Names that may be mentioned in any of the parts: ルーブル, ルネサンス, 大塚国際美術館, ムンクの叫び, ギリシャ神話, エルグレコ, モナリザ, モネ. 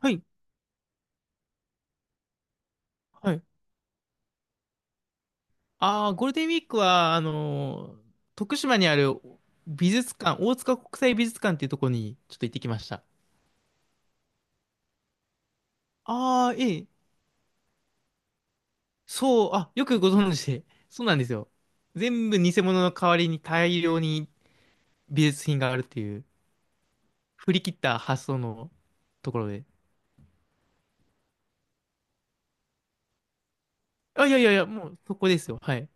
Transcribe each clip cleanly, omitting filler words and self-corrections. はい。はい。ああ、ゴールデンウィークは、徳島にある美術館、大塚国際美術館っていうところにちょっと行ってきました。ああ、ええ。そう、あ、よくご存知で。そうなんですよ。全部偽物の代わりに大量に美術品があるっていう、振り切った発想のところで。あ、いやいやいや、もうそこですよ。はい。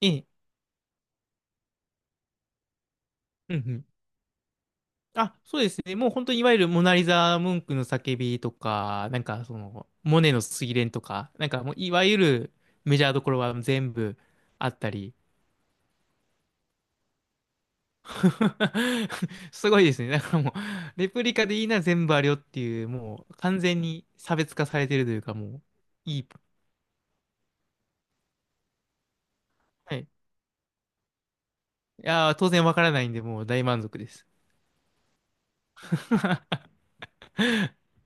ええ。うんうん。あ、そうですね。もう本当にいわゆるモナリザ・ムンクの叫びとか、モネの睡蓮とか、なんかもういわゆるメジャーどころは全部あったり。すごいですね。だからもう、レプリカでいいな全部あるよっていう、もう完全に差別化されてるというか、もう、いい。はい。いやー、当然わからないんで、もう大満足です。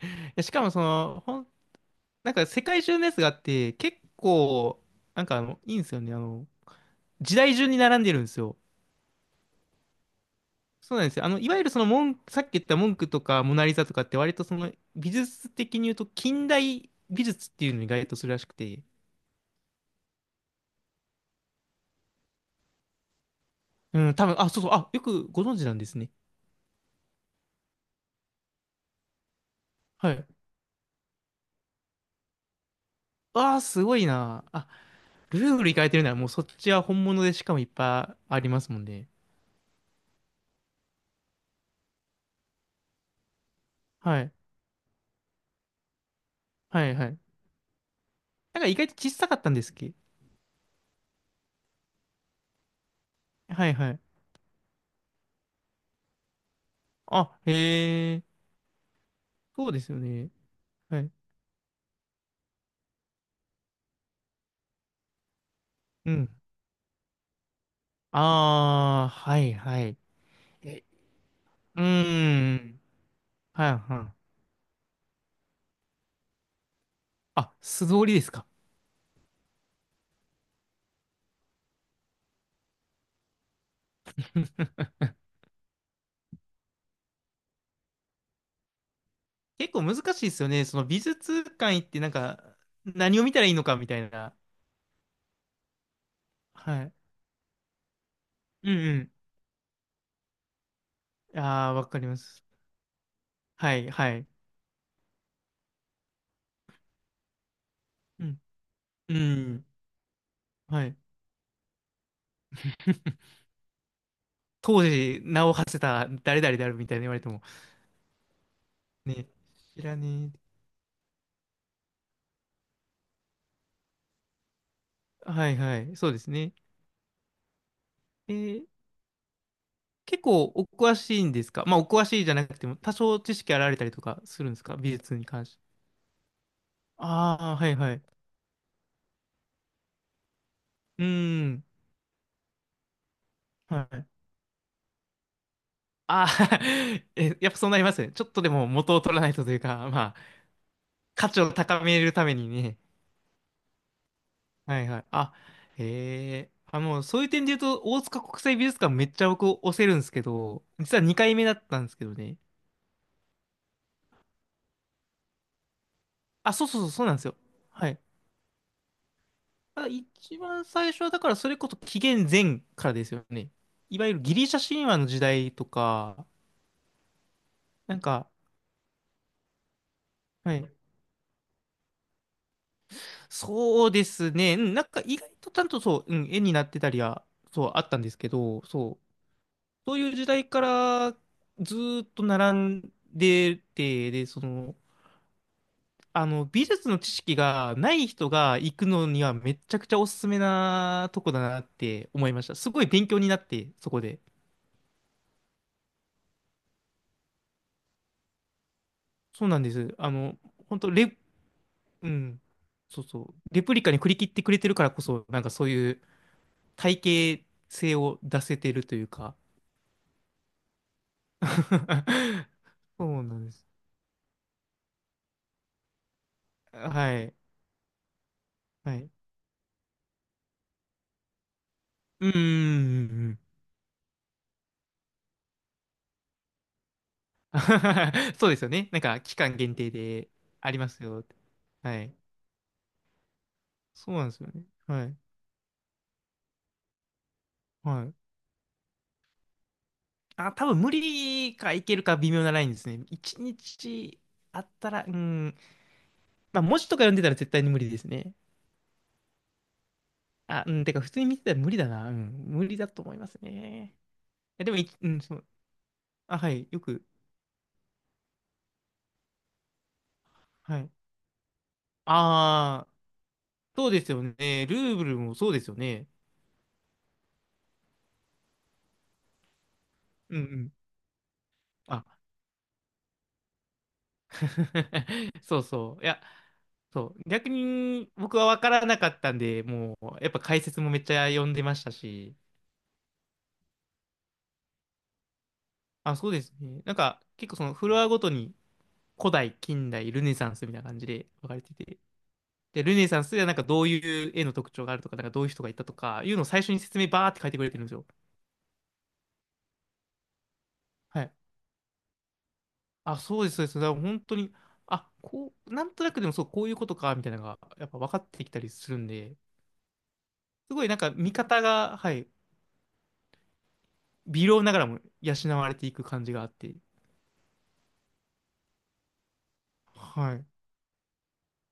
や、しかもその、なんか世界中のやつがあって、結構、なんかあの、いいんですよね。あの、時代順に並んでるんですよ。そうなんですよ。あの、いわゆるそのさっき言った文句とかモナリザとかって割とその美術的に言うと近代美術っていうのに該当するらしくて。うん、多分、あ、そうそう、あ、よくご存知なんですね。はい。ああ、すごいな。あ、ルーブル行かれてるならもうそっちは本物でしかもいっぱいありますもんね。はい。はいはい。なんか意外と小さかったんですっけ？はいはい。あ、へえ、そうですよね。はい。うん。ああ、はいはい。え、うーん。はいはい。あ、素通りですか。結構難しいですよね。その美術館行ってなんか何を見たらいいのかみたいな。はい。うんうん。ああ、わかります。はいはい。うん。うん。はい。当時名を馳せた誰々であるみたいに言われても。ね。知らねえ。はいはい。そうですね。えー結構お詳しいんですか？まあお詳しいじゃなくても多少知識あられたりとかするんですか？美術に関して。ああ、はいはい。うーん。はい。ああ、 え、やっぱそうなりますね。ちょっとでも元を取らないとというか、まあ、価値を高めるためにね。はいはい。あ、へえ。あ、もうそういう点で言うと、大塚国際美術館めっちゃ僕押せるんですけど、実は2回目だったんですけどね。あ、そうそうそう、そうなんですよ。はい。あ、一番最初は、だからそれこそ紀元前からですよね。いわゆるギリシャ神話の時代とか、なんか、はい。そうですね。うん、なんか意外とちゃんとそう、うん、絵になってたりは、そう、あったんですけど、そう。そういう時代からずーっと並んでて、で、その、あの、美術の知識がない人が行くのにはめちゃくちゃおすすめなとこだなって思いました。すごい勉強になって、そこで。そうなんです。あの、本当レ、うん、そうそう。レプリカに振り切ってくれてるからこそ、なんかそういう体系性を出せてるというか。そうなんです。はい。はい。うんうんうん。 そうですよね。なんか期間限定でありますよって。はい。そうなんですよね。はい。はい。あ、多分無理かいけるか微妙なラインですね。一日あったら、うん。まあ文字とか読んでたら絶対に無理ですね。あ、うん。てか普通に見てたら無理だな。うん。無理だと思いますね。え、でもうん、そう。あ、はい。よく。はい。ああ、そうですよね。ルーブルもそうですよね。うんうん。あ、 そうそう。いや、そう。逆に僕は分からなかったんで、もう、やっぱ解説もめっちゃ読んでましたし、あ、そうですね。なんか、結構そのフロアごとに古代、近代、ルネサンスみたいな感じで分かれてて、で、ルネサンスではなんかどういう絵の特徴があるとか、なんかどういう人がいたとか、いうのを最初に説明バーって書いてくれてるんですよ。はい。あ、そうです、そうです。だから本当に、あ、こう、なんとなくでもそう、こういうことか、みたいなのが、やっぱ分かってきたりするんで、すごいなんか見方が、はい、微量ながらも養われていく感じがあって。はい。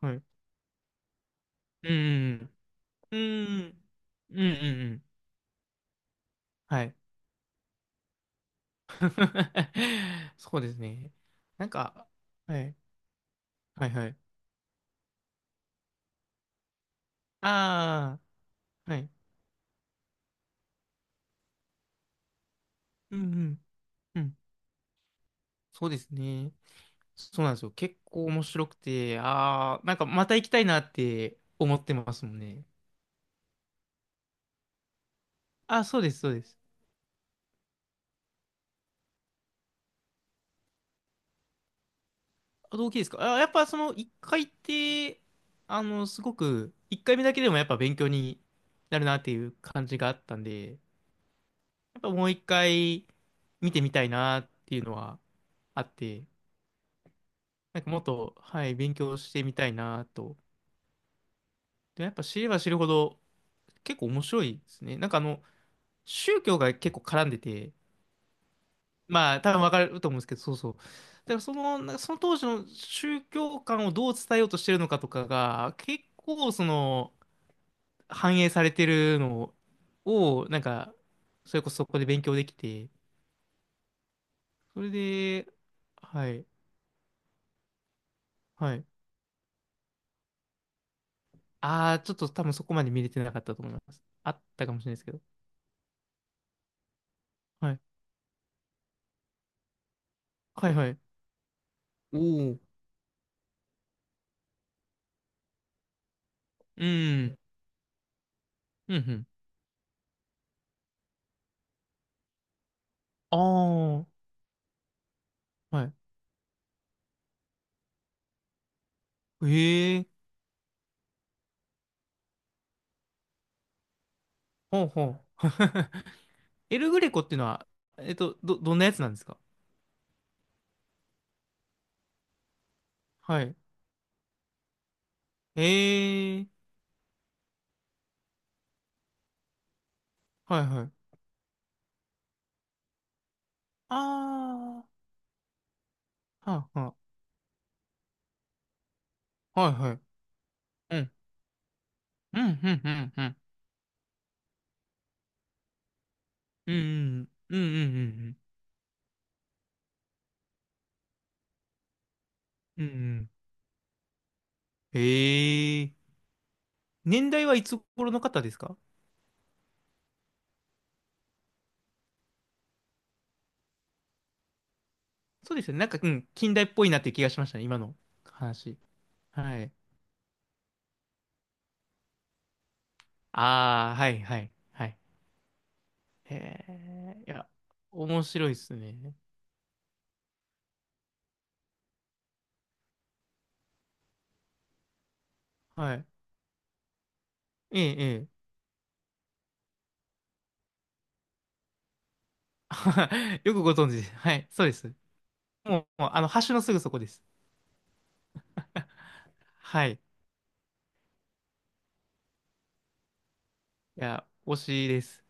はい。うん。うん。うん。うん。うんうんうん。はい。そうですね。なんか、はい。はいはい。ああ、はい。うんうん。うん。そうですね。そうなんですよ。結構面白くて、ああ、なんかまた行きたいなって思ってますもんね。あ、そうです、そうです。あ、動機ですか。あ、やっぱその一回って、あの、すごく、一回目だけでもやっぱ勉強になるなっていう感じがあったんで、やっぱもう一回見てみたいなっていうのはあって、なんかもっと、はい、勉強してみたいなと。で、やっぱ知れば知るほど結構面白いですね。なんかあの、宗教が結構絡んでて、まあ多分わかると思うんですけど、そうそう。だからその、なんかその当時の宗教観をどう伝えようとしてるのかとかが、結構その、反映されてるのを、なんか、それこそそこで勉強できて、それで、はい、はい。ああ、ちょっと多分そこまで見れてなかったと思います。あったかもしれないですけど。はい、はい、はい。おお、うん、うん、うん。ああ、はい。ええ、ほうほう。エルグレコっていうのは、えっと、どんなやつなんですか？はい。ええ、はい、はい。ああ、はあ、はあ、はい、はい。うん、うん、うん、うん、うん。うんうんうんうんうんうんうん、へえ、年代はいつ頃の方ですか？そうですよね、なんか、うん、近代っぽいなっていう気がしましたね、今の話。はい、ああー、はいはいはい。へえ、いや面白いですね。はい。ええええ。 よくご存知です。はい、そうです。もう、もうあの橋のすぐそこです。はい。いや推しです。